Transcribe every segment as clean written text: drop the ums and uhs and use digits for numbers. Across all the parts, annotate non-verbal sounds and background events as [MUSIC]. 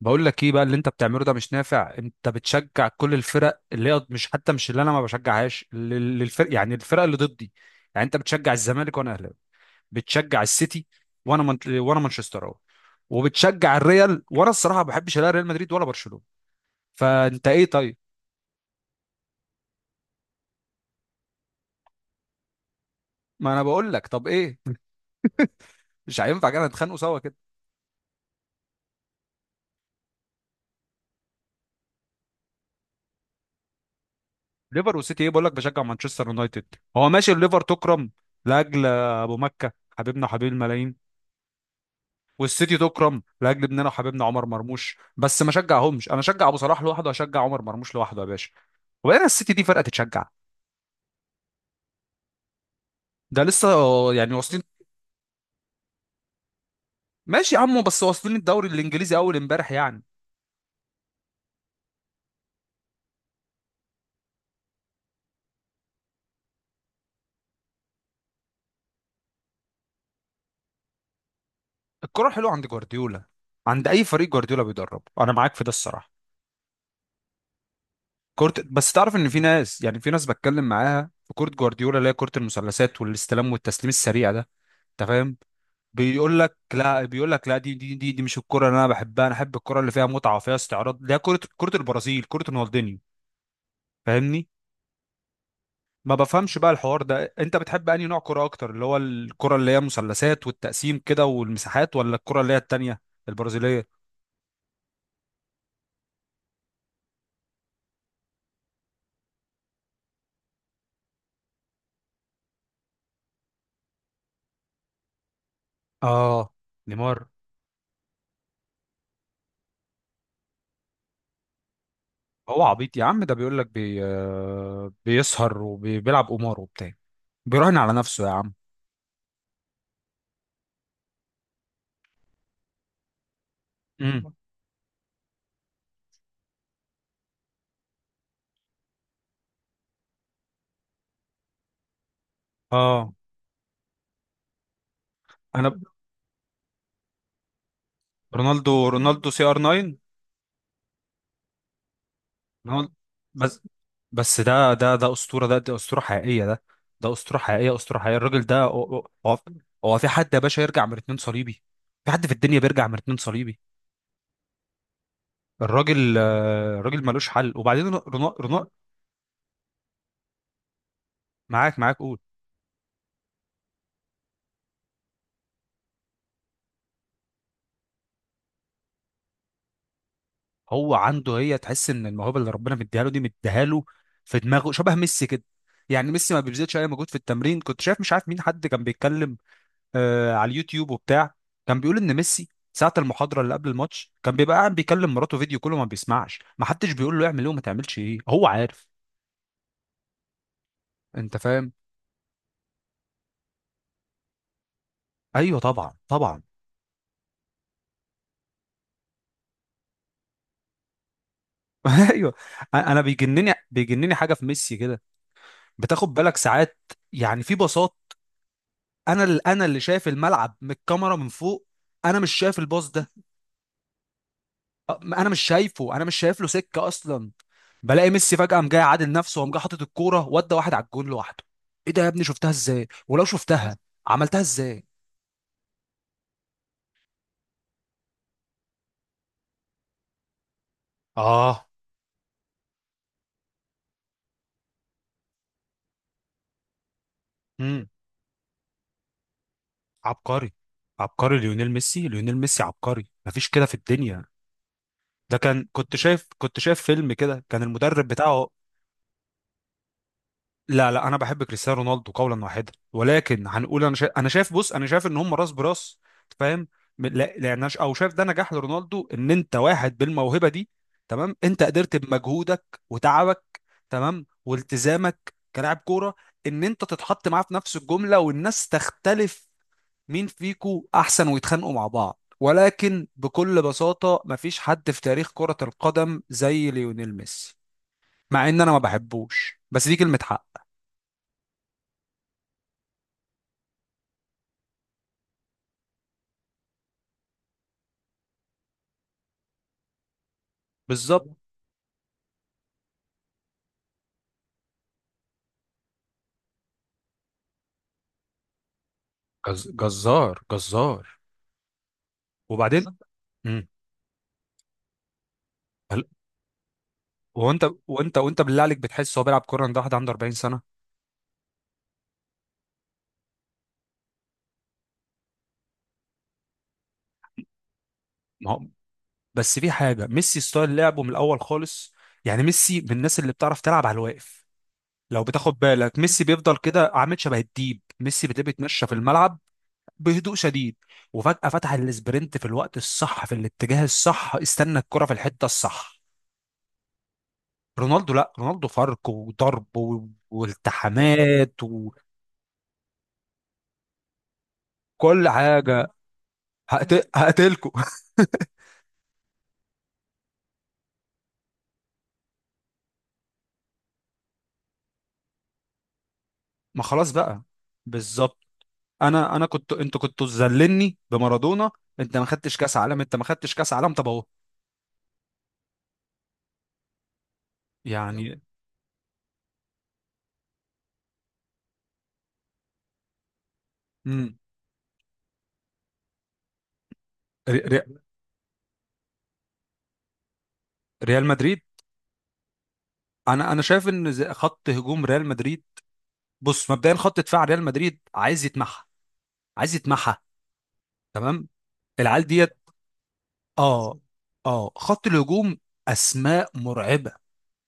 بقول لك ايه بقى اللي انت بتعمله ده مش نافع. انت بتشجع كل الفرق اللي هي مش، حتى مش اللي انا ما بشجعهاش، للفرق يعني الفرق اللي ضدي. يعني انت بتشجع الزمالك وانا اهلاوي، بتشجع السيتي وانا مانشستراوي، وبتشجع الريال وانا الصراحه ما بحبش لا ريال مدريد ولا برشلونه. فانت ايه طيب؟ ما انا بقول لك طب ايه، مش هينفع كده نتخانقوا سوا كده. ليفر وسيتي ايه، بقول لك بشجع مانشستر يونايتد. هو ماشي، الليفر تكرم لاجل ابو مكه، حبيبنا وحبيب الملايين، والسيتي تكرم لاجل ابننا وحبيبنا عمر مرموش، بس ما شجعهمش. انا اشجع ابو صلاح لوحده واشجع عمر مرموش لوحده يا باشا. وبعدين السيتي دي فرقه تتشجع، ده لسه يعني واصلين. ماشي يا عمو، بس واصلين الدوري الانجليزي اول امبارح يعني. الكره حلوه عند جوارديولا، عند اي فريق جوارديولا بيدربه، انا معاك في ده الصراحه. كرة، بس تعرف ان في ناس، يعني في ناس بتكلم معاها في كرة جوارديولا اللي هي كرة المثلثات والاستلام والتسليم السريع ده. انت فاهم؟ بيقول لك لا، بيقول لك لا، دي مش الكرة اللي انا بحبها. انا احب الكرة اللي فيها متعة وفيها استعراض، ده كرة، كرة البرازيل، كرة رونالدينيو. فاهمني؟ ما بفهمش بقى الحوار ده، انت بتحب انهي نوع كرة اكتر، اللي هو الكرة اللي هي مثلثات والتقسيم كده والمساحات، ولا الكرة اللي هي التانية البرازيلية؟ اه نيمار. هو عبيط يا عم، ده بيقول لك بي... آه، بيسهر وبيلعب قمار وبتاع، بيراهن على نفسه يا عم. امم اه. انا [LAUGHS] رونالدو، رونالدو سي ار 9. رونالدو بس، بس ده اسطوره ده، ده اسطوره حقيقيه ده. ده اسطوره حقيقيه، اسطوره حقيقيه، الراجل ده. هو هو في حد يا باشا يرجع من اتنين صليبي؟ في حد في الدنيا بيرجع من اتنين صليبي؟ الراجل الراجل ملوش حل. وبعدين رنا رنا، معاك قول. هو عنده، هي تحس ان الموهبه اللي ربنا مديها له دي مديها له، في دماغه شبه ميسي كده. يعني ميسي ما بيبذلش اي مجهود في التمرين. كنت شايف مش عارف مين، حد كان بيتكلم على اليوتيوب وبتاع، كان بيقول ان ميسي ساعة المحاضرة اللي قبل الماتش كان بيبقى قاعد بيكلم مراته فيديو، كله ما بيسمعش، ما حدش بيقول له اعمل ايه وما تعملش ايه، هو عارف. انت فاهم؟ ايوه طبعا طبعا. [LAUGHS] ايوه. انا بيجنني حاجة في ميسي كده. بتاخد بالك ساعات، يعني في باصات، انا اللي، انا اللي شايف الملعب من الكاميرا من فوق انا مش شايف الباص ده. ما انا مش شايفه، انا مش شايف له سكه اصلا. بلاقي ميسي فجاه قام جاي عادل نفسه وقام جاي حاطط الكوره ودى واحد على الجون لوحده. ايه ده يا ابني؟ شفتها ازاي؟ ولو شفتها عملتها ازاي؟ اه امم. عبقري، عبقري ليونيل ميسي، ليونيل ميسي عبقري، مفيش كده في الدنيا. ده كان، كنت شايف، كنت شايف فيلم كده، كان المدرب بتاعه. لا انا بحب كريستيانو رونالدو قولا واحدا، ولكن هنقول انا شايف، انا شايف، بص انا شايف ان هم راس براس. فاهم؟ لا لان أنا ش- او شايف ده نجاح لرونالدو، ان انت واحد بالموهبه دي، تمام، انت قدرت بمجهودك وتعبك، تمام، والتزامك كلاعب كوره، ان انت تتحط معاه في نفس الجمله، والناس تختلف مين فيكو احسن ويتخانقوا مع بعض. ولكن بكل بساطه مفيش حد في تاريخ كره القدم زي ليونيل ميسي، مع ان انا ما بحبوش، بس دي كلمه حق. بالظبط. جزار جزار. وبعدين بالظبط. امم. وانت بالله عليك بتحس هو بيلعب كوره ده، واحد عنده 40 سنه؟ ما هو، بس في حاجه ميسي ستايل لعبه من الاول خالص. يعني ميسي من الناس اللي بتعرف تلعب على الواقف. لو بتاخد بالك، ميسي بيفضل كده عامل شبه الديب، ميسي بتلاقيه بيتمشى في الملعب بهدوء شديد، وفجاه فتح الاسبرنت في الوقت الصح في الاتجاه الصح، استنى الكره في الحته الصح. رونالدو لا، رونالدو فرق وضرب والتحامات وكل حاجه. هقتلكوا [LAUGHS] ما خلاص بقى. بالظبط. انا كنت، انتوا كنتوا تذللني بمارادونا، انت ما خدتش كاس عالم، انت ما خدتش كاس عالم، طب اهو يعني. امم. ري... ري... ريال مدريد. انا شايف ان خط هجوم ريال مدريد، بص مبدئيا خط دفاع ريال مدريد عايز يتمحى، عايز يتمحى. تمام. العيال ديت. اه. اه خط الهجوم، اسماء مرعبه،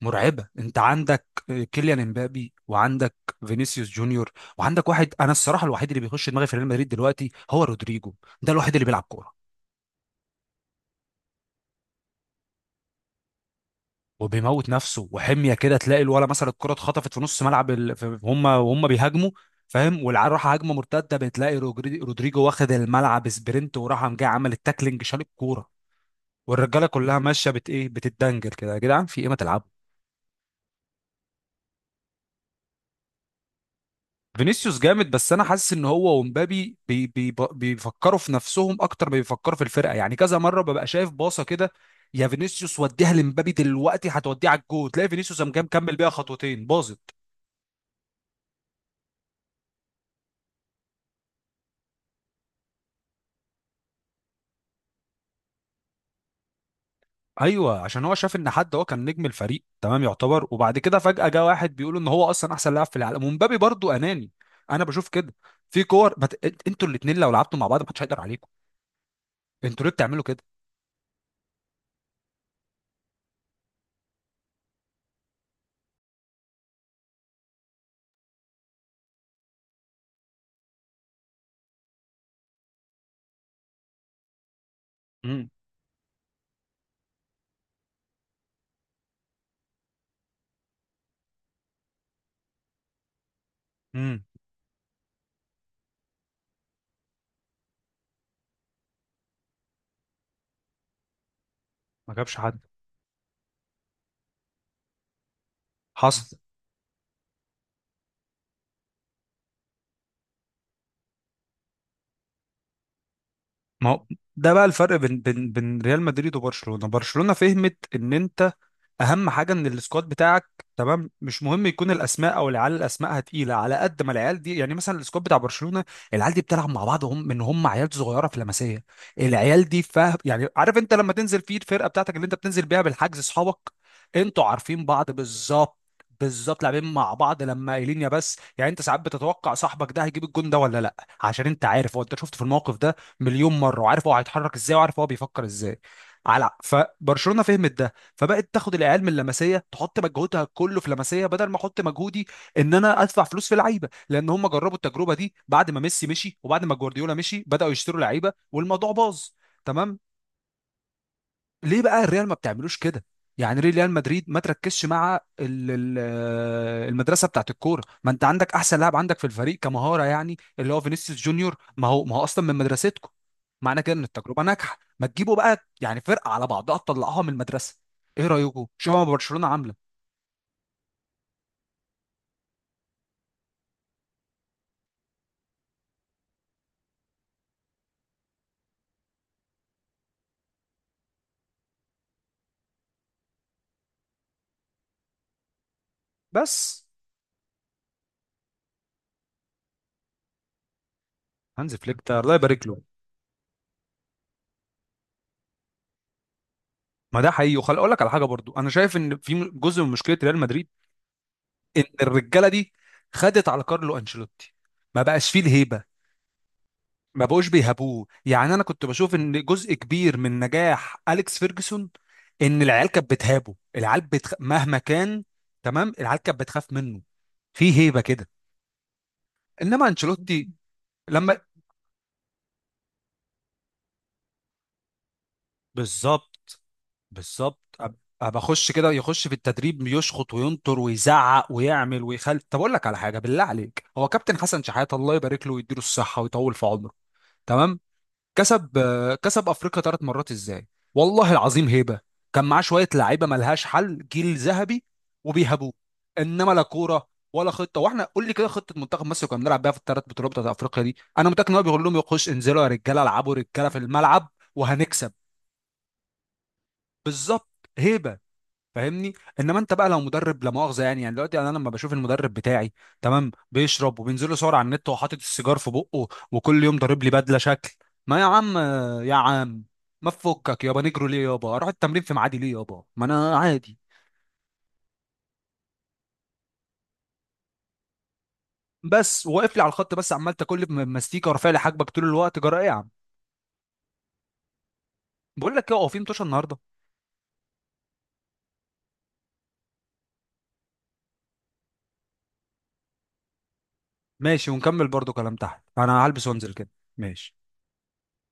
مرعبه. انت عندك كيليان امبابي، وعندك فينيسيوس جونيور، وعندك واحد، انا الصراحه الوحيد اللي بيخش دماغي في ريال مدريد دلوقتي هو رودريجو. ده الوحيد اللي بيلعب كوره، وبيموت نفسه وحميه كده، تلاقي الولا مثلا الكره اتخطفت في نص ملعب هم وهم بيهاجموا، فاهم، والعيال راح هجمه مرتده، بتلاقي رودريجو واخد الملعب سبرنت وراح قام جاي عمل التاكلينج شال الكوره، والرجاله كلها ماشيه بت ايه، بتتدنجل كده. يا جدعان في ايه، ما تلعبوا. فينيسيوس جامد، بس انا حاسس ان هو ومبابي بي بي بيفكروا في نفسهم اكتر ما بيفكروا في الفرقه. يعني كذا مره ببقى شايف باصه كده، يا فينيسيوس وديها لمبابي دلوقتي هتوديها على الجول، تلاقي فينيسيوس قام جاي مكمل بيها خطوتين باظت. ايوه، عشان هو شاف ان حد، هو كان نجم الفريق تمام يعتبر، وبعد كده فجاه جه واحد بيقول ان هو اصلا احسن لاعب في العالم، ومبابي برضو اناني. انا بشوف كده. في انتوا الاثنين لو لعبتوا مع بعض محدش هيقدر عليكم. انتوا ليه بتعملوا كده؟ امم. امم. ما جابش حد. حصل. ما هو ده بقى الفرق بين ريال مدريد وبرشلونة. برشلونة فهمت ان انت اهم حاجه ان السكواد بتاعك تمام، مش مهم يكون الاسماء، او العيال الاسماء تقيله على قد ما العيال دي. يعني مثلا السكواد بتاع برشلونه، العيال دي بتلعب مع بعض، هم من هم عيال صغيره في لمسيه. العيال دي فاهم يعني، عارف انت لما تنزل في الفرقه بتاعتك اللي انت بتنزل بيها بالحجز اصحابك، انتوا عارفين بعض بالظبط، بالظبط، لاعبين مع بعض لما قايلين. يا بس يعني، انت ساعات بتتوقع صاحبك ده هيجيب الجون ده ولا لا، عشان انت عارف هو، انت شفته في الموقف ده مليون مره، وعارف هو هيتحرك ازاي وعارف هو بيفكر ازاي. على فبرشلونه فهمت ده، فبقت تاخد العيال من لمسيه، تحط مجهودها كله في لمسيه، بدل ما احط مجهودي ان انا ادفع فلوس في لعيبه. لان هم جربوا التجربه دي بعد ما ميسي مشي وبعد ما جوارديولا مشي، بداوا يشتروا لعيبه والموضوع باظ. تمام. ليه بقى الريال ما بتعملوش كده؟ يعني ليه ريال مدريد ما تركزش مع المدرسه بتاعت الكوره؟ ما انت عندك احسن لاعب عندك في الفريق كمهاره، يعني اللي هو فينيسيوس جونيور، ما هو، ما هو اصلا من مدرستكم. معنى كده ان التجربه ناجحه، ما تجيبوا بقى يعني فرقه على بعضها تطلعوها من المدرسه. ايه رايكم؟ شوفوا ما برشلونه عامله. بس هانز فليك ده الله يبارك له. ما ده حقيقي. وخلي اقول لك على حاجه برضو، انا شايف ان في جزء من مشكله ريال مدريد، ان الرجاله دي خدت على كارلو انشيلوتي، ما بقاش فيه الهيبه، ما بقوش بيهابوه. يعني انا كنت بشوف ان جزء كبير من نجاح اليكس فيرجسون ان العيال كانت بتهابه، العيال مهما كان، تمام، العيال كانت بتخاف منه، في هيبه كده. انما انشيلوتي لما، بالظبط، بالظبط، بخش كده يخش في التدريب، يشخط وينطر ويزعق ويعمل ويخل. طب اقول لك على حاجه بالله عليك، هو كابتن حسن شحاته الله يبارك له ويديله الصحه ويطول في عمره، تمام، كسب كسب افريقيا ثلاث مرات ازاي؟ والله العظيم هيبه. كان معاه شويه لعيبه ملهاش حل، جيل ذهبي، وبيهابوه. انما لا كوره ولا خطه. واحنا قول لي كده خطه منتخب مصر كنا بنلعب بيها في الثلاث بطولات بتاعت افريقيا دي؟ انا متاكد ان هو بيقول لهم يخش انزلوا يا رجاله، العبوا رجاله في الملعب وهنكسب. بالظبط، هيبه. فاهمني؟ انما انت بقى لو مدرب، لا مؤاخذه يعني، يعني دلوقتي يعني، انا لما بشوف المدرب بتاعي، تمام، بيشرب وبينزل له صور على النت وهو حاطط السيجار في بقه، وكل يوم ضارب لي بدله شكل، ما يا عم، يا عم ما تفكك يابا، نجرو ليه يابا؟ اروح التمرين في ميعادي ليه يابا؟ ما انا عادي، بس واقف لي على الخط، بس عمال تاكل لي ماستيكه ورافع لي حاجبك طول الوقت، جرى ايه يا عم؟ بقول لك ايه هو في متوشه النهارده؟ ماشي، ونكمل برضو كلام تحت، انا هلبس وانزل كده. ماشي.